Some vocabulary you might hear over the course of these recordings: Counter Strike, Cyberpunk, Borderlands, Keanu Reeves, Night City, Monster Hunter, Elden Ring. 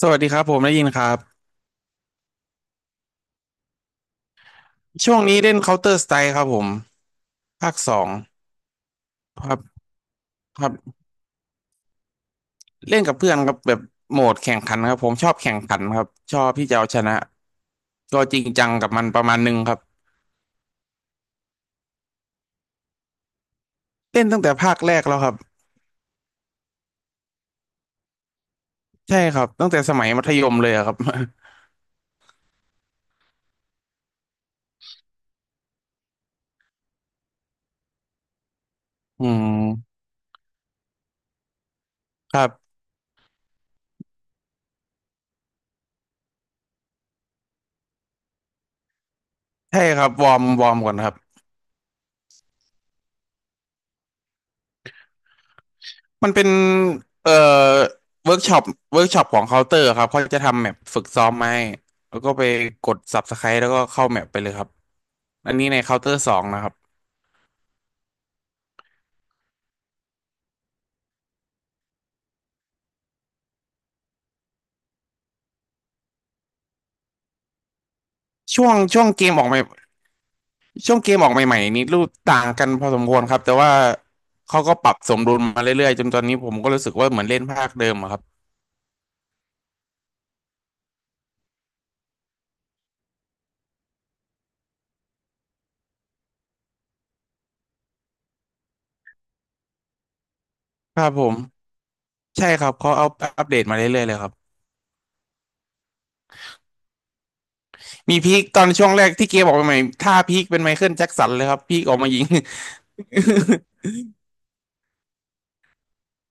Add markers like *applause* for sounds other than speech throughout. สวัสดีครับผมได้ยินครับช่วงนี้เล่น Counter Strike ครับผมภาคสองครับครับเล่นกับเพื่อนครับแบบโหมดแข่งขันครับผมชอบแข่งขันครับชอบที่จะเอาชนะก็จริงจังกับมันประมาณหนึงครับเล่นตั้งแต่ภาคแรกแล้วครับใช่ครับตั้งแต่สมัยมัธยมเลยอะครับ *laughs* อืมครับใช่ครับวอร์มวอร์มก่อนครับมันเป็นเอ่อเวิร์กช็อปเวิร์กช็อปของเคาน์เตอร์ครับเขาจะทำแมปฝึกซ้อมมาให้แล้วก็ไปกด Subscribe แล้วก็เข้าแมปไปเลยครับอันนี้ในเคาน์เตอร์สองนะครับ ช่วงช่วงเกมออกใหม่ช่วงเกมออกใหม่ๆนี่รูปต่างกันพอสมควรครับแต่ว่าเขาก็ปรับสมดุลมาเรื่อยๆจนตอนนี้ผมก็รู้สึกว่าเหมือนเล่นภาคเดิมอะครับครับผมใช่ครับเขาเอาอัปเดตมาเรื่อยๆเลยครับมีพีคตอนช่วงแรกที่เกมออกใหม่ๆท่าพีคเป็นไมเคิลแจ็คสันเลยครับพีคออกมายิง *laughs*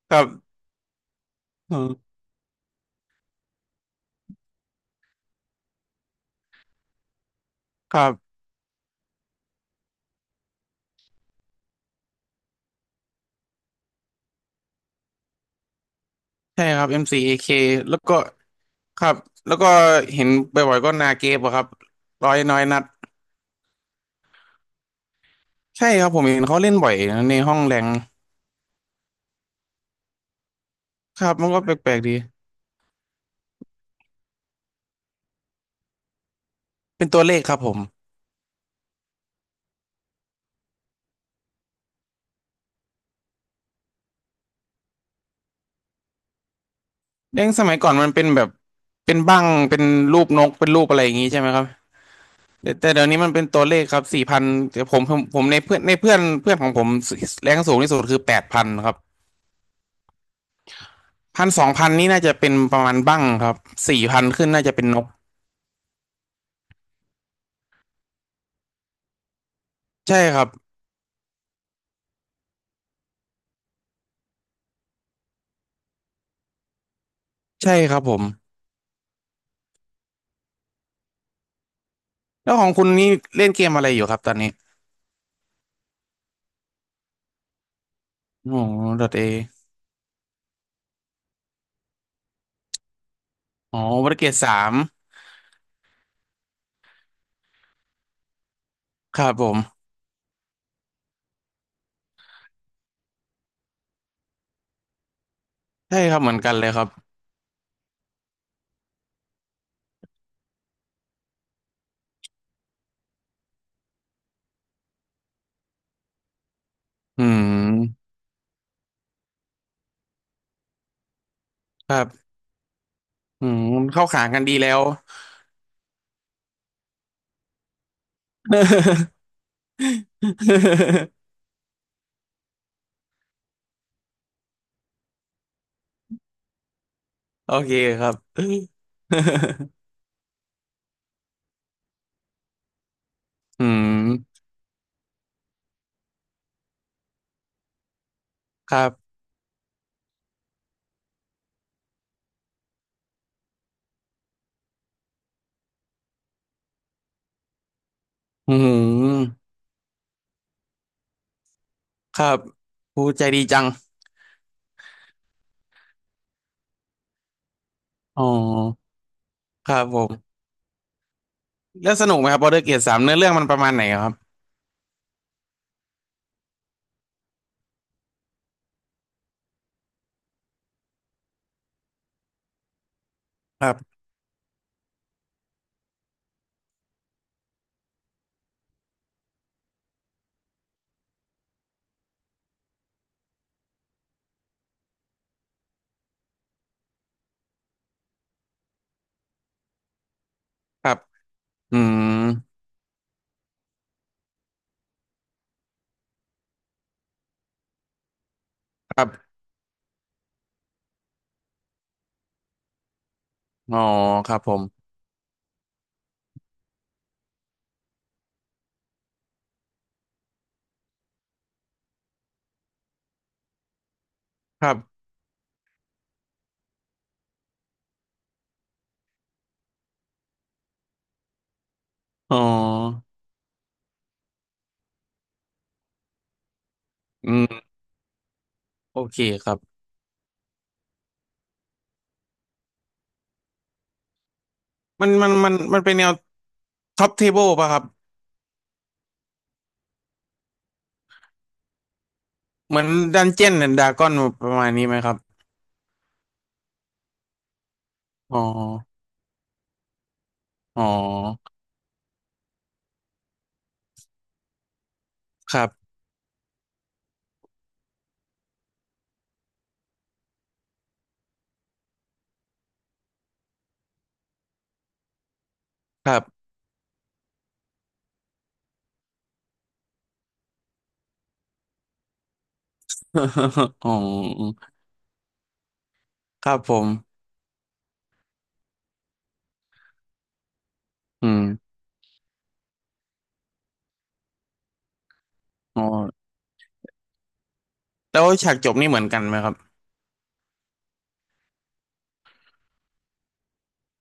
ครับอืมครับใช่ครับเอมซีเ k แล้วก็ครับแล้วก็เห็นบ่อยๆก็นาเกฟอะครับร้อยน้อยนัดใช่ครับผมเห็นเขาเล่นบ่อยนะในห้องแรงครับมันก็แปลกๆดี เป็นตัวเลขครับผมเด้งสมัยก่อนมันเป็นแบบเป็นบั้งเป็นรูปนกเป็นรูปอะไรอย่างงี้ใช่ไหมครับแต่แต่เดี๋ยวนี้มันเป็นตัวเลขครับสี่พันแต่ผมในเพื่อนในเพื่อนเพื่อนของผมแรงสูงที่สุดคือ8,000ครับพันสองพันนี่น่าจะเป็นประมาณบั้งครับสี่พันขึ้นน่าจะเป็นนกใช่ครับใช่ครับผมแล้วของคุณนี่เล่นเกมอะไรอยู่ครับตอนนี้อ๋อดอทเออ๋อวรเกรดสามครับผมใช่ครับเหมือนกันเลยครับอืมครับอืมเข้าขากันดีแล้ว *laughs* *laughs* โอเคครับ *laughs* อืมครับอืมครับผู้ใจดีจังอ๋อครับผมแล้วสนุกไหมครับบอร์เดอร์เกตสามเนื้อเรื่องมันประมาณไหนครับ ครับครับอืมครับอ๋อครับผมครับอ๋ออืมโอเคครับ มันเป็นแนวท็อปเทเบิลป่ะครับ เหมือนดันเจียนดดากอนประมาณนี้ไหมครับอ๋ออ๋อครับครับ *laughs* อ๋อครับผม อืมอ๋อแล้วฉากจบนี่เหมือนกันไหมครับ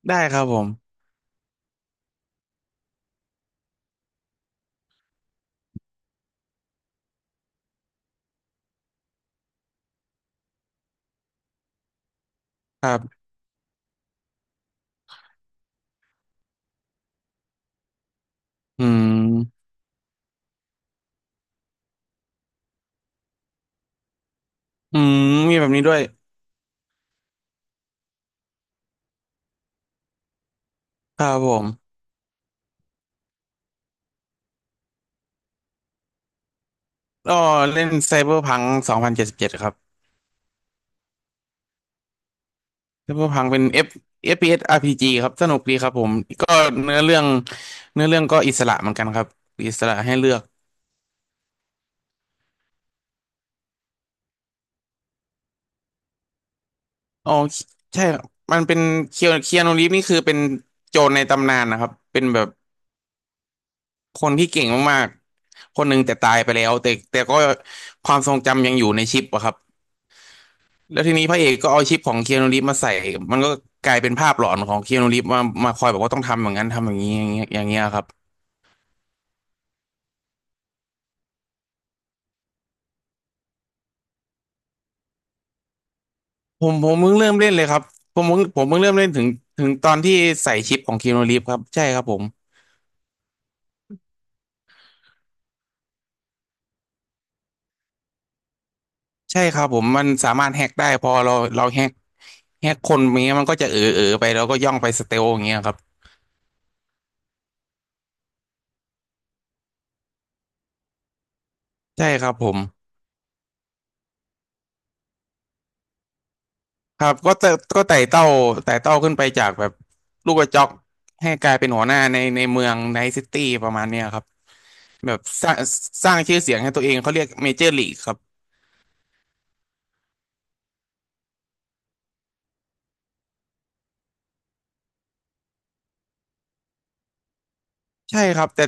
ได้ครับผมครับอืมอืมมีแบบนี้ด้วยครับผมก็เล่นไซเบอร์พัง2077ครับไซเบอร์พังเป็น F เอฟพีเอสอาร p s RPG ครับสนุกดีครับผมก็เนื้อเรื่องเนื้อเรื่องก็อิสระเหมือนกันครับอิสระให้เลือกอ๋อใช่ครับมันเป็นเคียเคียนูรีฟนี่คือเป็นโจรในตำนานนะครับเป็นแบบคนที่เก่งมากๆคนหนึ่งแต่ตายไปแล้วแต่แต่ก็ความทรงจำยังอยู่ในชิปอะครับ แล้วทีนี้พระเอกก็เอาชิปของเคียนูรีฟมาใส่มันก็กลายเป็นภาพหลอนของเคียนูรีฟมามาคอยบอกว่าต้องทำอย่างนั้นทำอย่างนี้อย่างเงี้ยอย่างเงี้ยครับผมผมเพิ่งเริ่มเล่นเลยครับผมเพิ่งเริ่มเล่นถึงตอนที่ใส่ชิปของเคียนูรีฟครับใช่ครับผมใช่ครับผมมันสามารถแฮกได้พอเราแฮกคนอย่างเงี้ยมันก็จะเออเออไปแล้วก็ย่องไปสเตลอย่างเงี้ยครับใช่ครับผมครับก็แต่ก็ไต่เต้าขึ้นไปจากแบบลูกกระจอกให้กลายเป็นหัวหน้าในในเมืองไนท์ซิตี้ประมาณเนี้ยครับ แบบสร้างชื่อเสียงให้ตัวเองเขาเรียกเมเจอร์ลีกครับใช่ครับแต่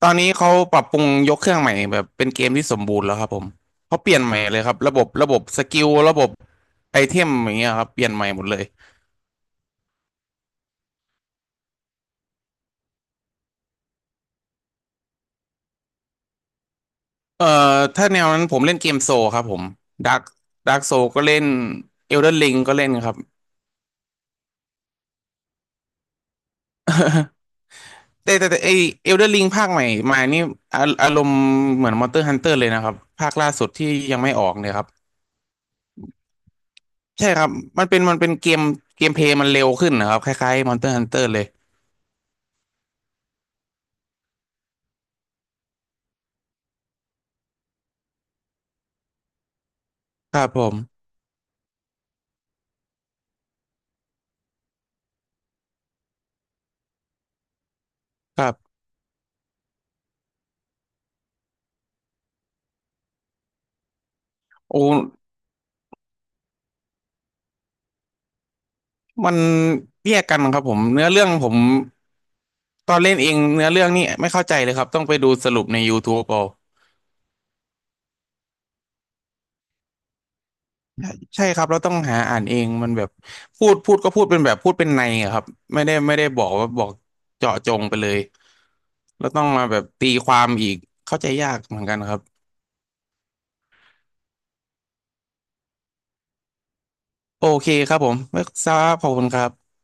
ตอนนี้เขาปรับปรุงยกเครื่องใหม่แบบเป็นเกมที่สมบูรณ์แล้วครับผมเขาเปลี่ยนใหม่เลยครับระบบระบบสกิลระบบไอเทมอย่างเงี้ยครับเปลี่ยนใหม่หมดเลยเอ่อถ้าแนวนั้นผมเล่นเกมโซครับผมดักโซก็เล่นเอลเดอร์ลิงก็เล่นครับแต่ไอเอลเดอร์ลิงภาคใหม่มานี่อาอารมณ์เหมือนมอนสเตอร์ฮันเตอร์เลยนะครับภาคล่าสุดที่ยังไม่ออกเนี่ยครับ ใช่ครับมันเป็นมันเป็นเกมเกมเพลย์มันเร็วขึ้นนะครับคล้ายๆ Monster Hunter เลยครับผมครับโอ้มันแยกกันครับผมเนื้อเรื่องผมตอนเล่นเองเนื้อเรื่องนี่ไม่เข้าใจเลยครับต้องไปดูสรุปใน YouTube เอาใช่ใช่ครับเราต้องหาอ่านเองมันแบบพูดก็พูดเป็นแบบพูดเป็นในอะครับไม่ได้บอกว่าบอกเจาะจงไปเลยแล้วต้องมาแบบตีความอีกเข้าใจยากเหมือนกันครับโอเคครับผมไม่ทราบขอบคุณครับ